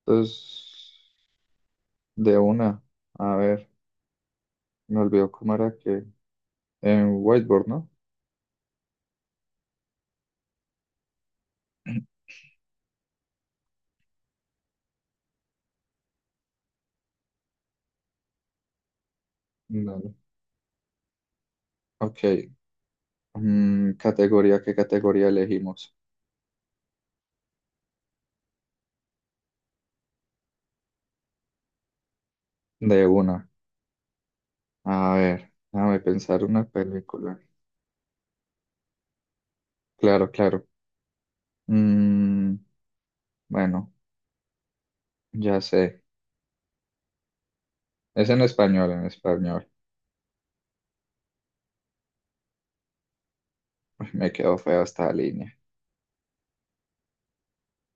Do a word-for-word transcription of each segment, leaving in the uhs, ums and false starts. Entonces, de una, a ver, me olvidó cómo era que en whiteboard, ¿no? Dale. Ok, mm, categoría, ¿qué categoría elegimos? De una, a ver, déjame pensar una película. Claro, claro. Mm, bueno, ya sé. Es en español, en español. Ay, me quedó fea esta línea.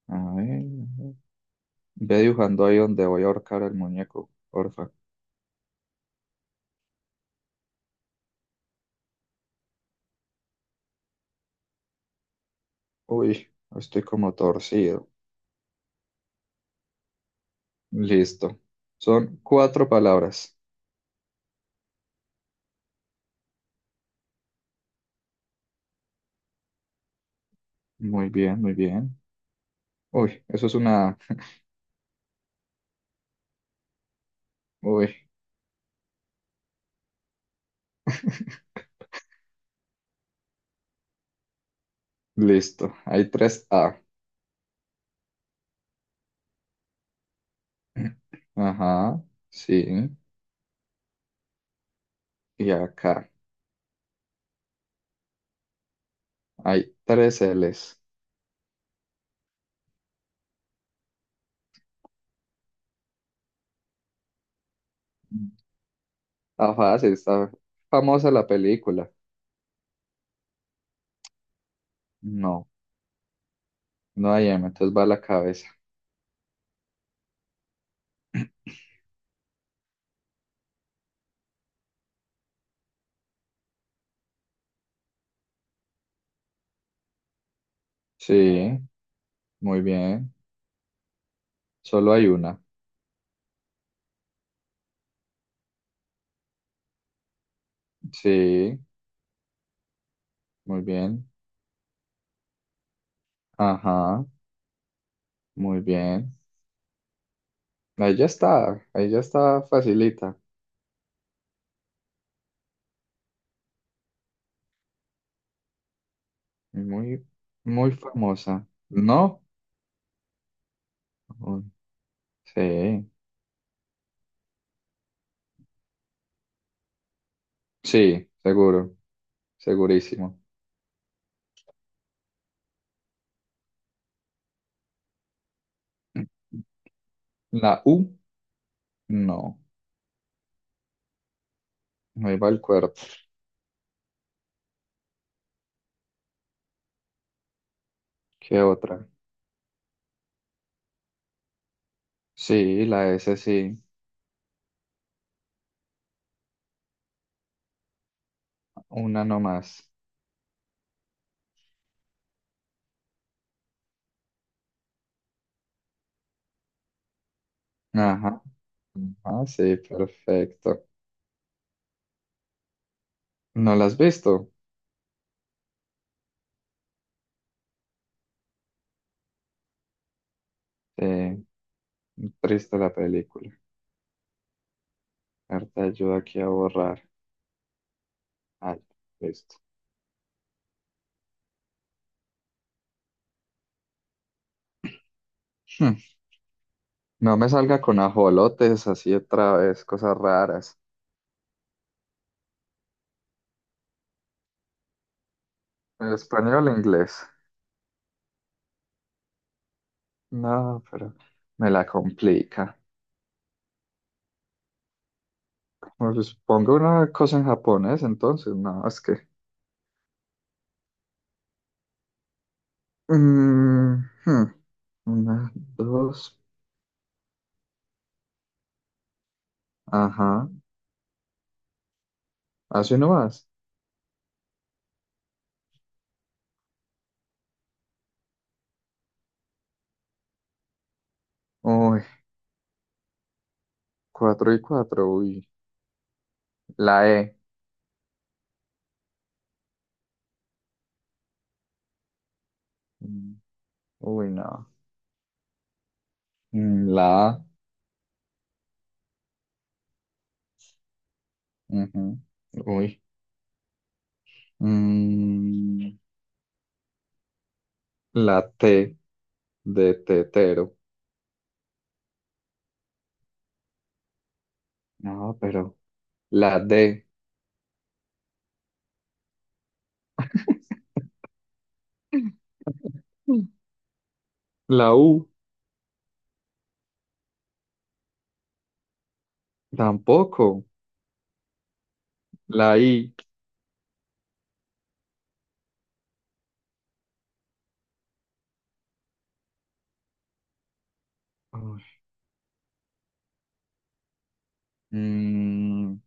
A ver, a ver. Ve dibujando ahí donde voy a ahorcar al muñeco, porfa. Uy, estoy como torcido. Listo. Son cuatro palabras. Muy bien, muy bien. Uy, eso es una. Uy, listo. Hay tres A. Ajá, sí. Y acá hay tres L's. Está fácil, está famosa la película. No, no hay M, entonces va a la cabeza. Sí, muy bien. Solo hay una. Sí, muy bien. Ajá, muy bien. Ahí ya está, ahí ya está facilita. Muy, muy famosa, ¿no? Uy, sí, sí, seguro, segurísimo. La U, no. No iba el cuerpo. ¿Qué otra? Sí, la S sí. Una nomás. Ajá. Ah, sí, perfecto. ¿No la has visto? Sí, triste la película. A ver, te ayuda aquí a borrar. Ay, listo. Hmm, No me salga con ajolotes así otra vez, cosas raras. ¿En español o inglés? No, pero me la complica. Bueno, pues ponga una cosa en japonés, entonces, no, es que. Mm, hmm. Una, dos, ajá. Así nomás. Uy, cuatro y cuatro, uy. La E. Mm, uy, no. Mm, La A. Ujú, uy. Mm, la T de tetero. No, pero. La D. La U. Tampoco. La I. Mm,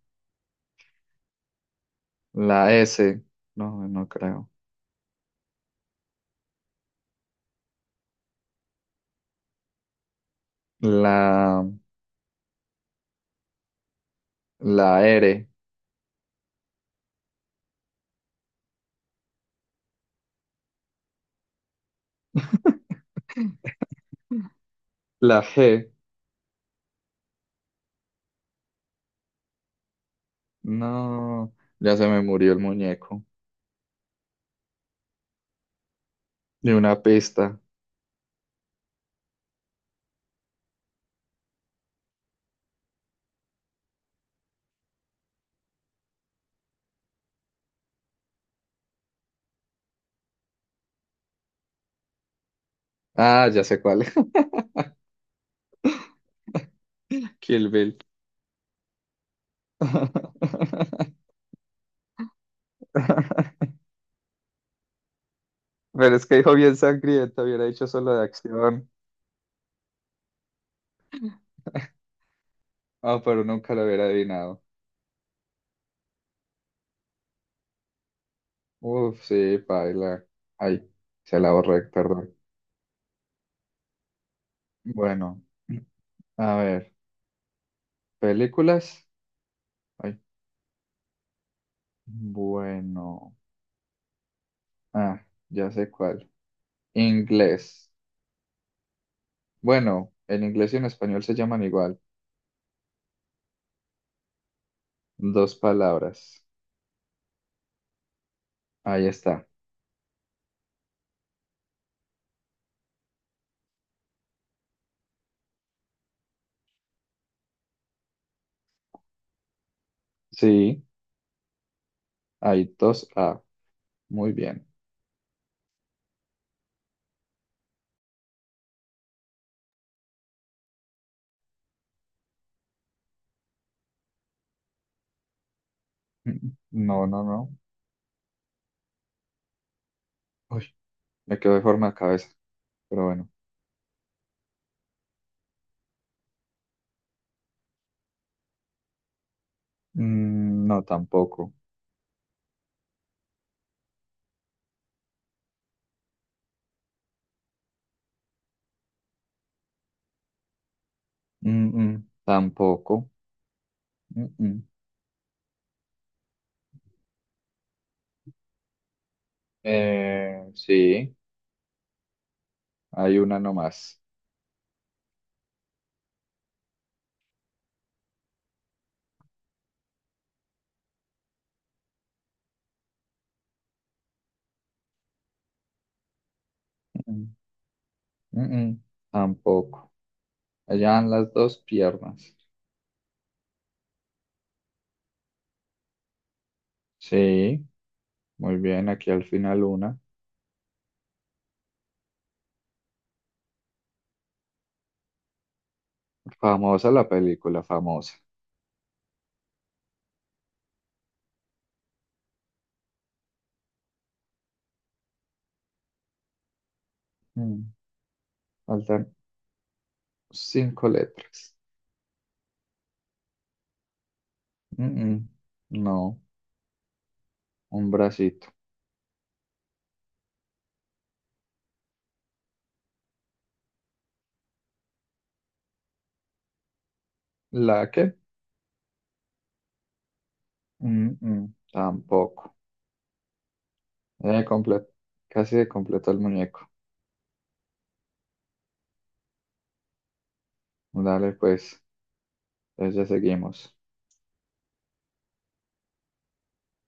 la S. No, no creo. La, la R. La G. No, ya se me murió el muñeco. De una pista. Ah, ya sé cuál. Kill Bill. Pero es que dijo bien sangriento, hubiera dicho solo de acción. Ah, pero nunca lo hubiera adivinado. Uf, sí, paila. Ay, se la borré, perdón. Bueno, a ver, películas. Ay. Bueno, ah, ya sé cuál. Inglés. Bueno, en inglés y en español se llaman igual. Dos palabras. Ahí está. Sí, hay dos A. Muy bien. Mm, no, no, no. Uy, me quedó de forma de cabeza, pero bueno. Mm, no, tampoco. Mm, mm, tampoco. Mm, mm. Eh, sí, hay una nomás. Mm, mm, mm, mm, tampoco. Allá van las dos piernas. Sí. Muy bien, aquí al final una. Famosa la película, famosa. Mm, Faltan cinco letras. Mm, mm. No, un bracito. ¿La qué? Mm, mm, tampoco. Eh, comple- Casi completó el muñeco. Dale, pues, entonces ya seguimos.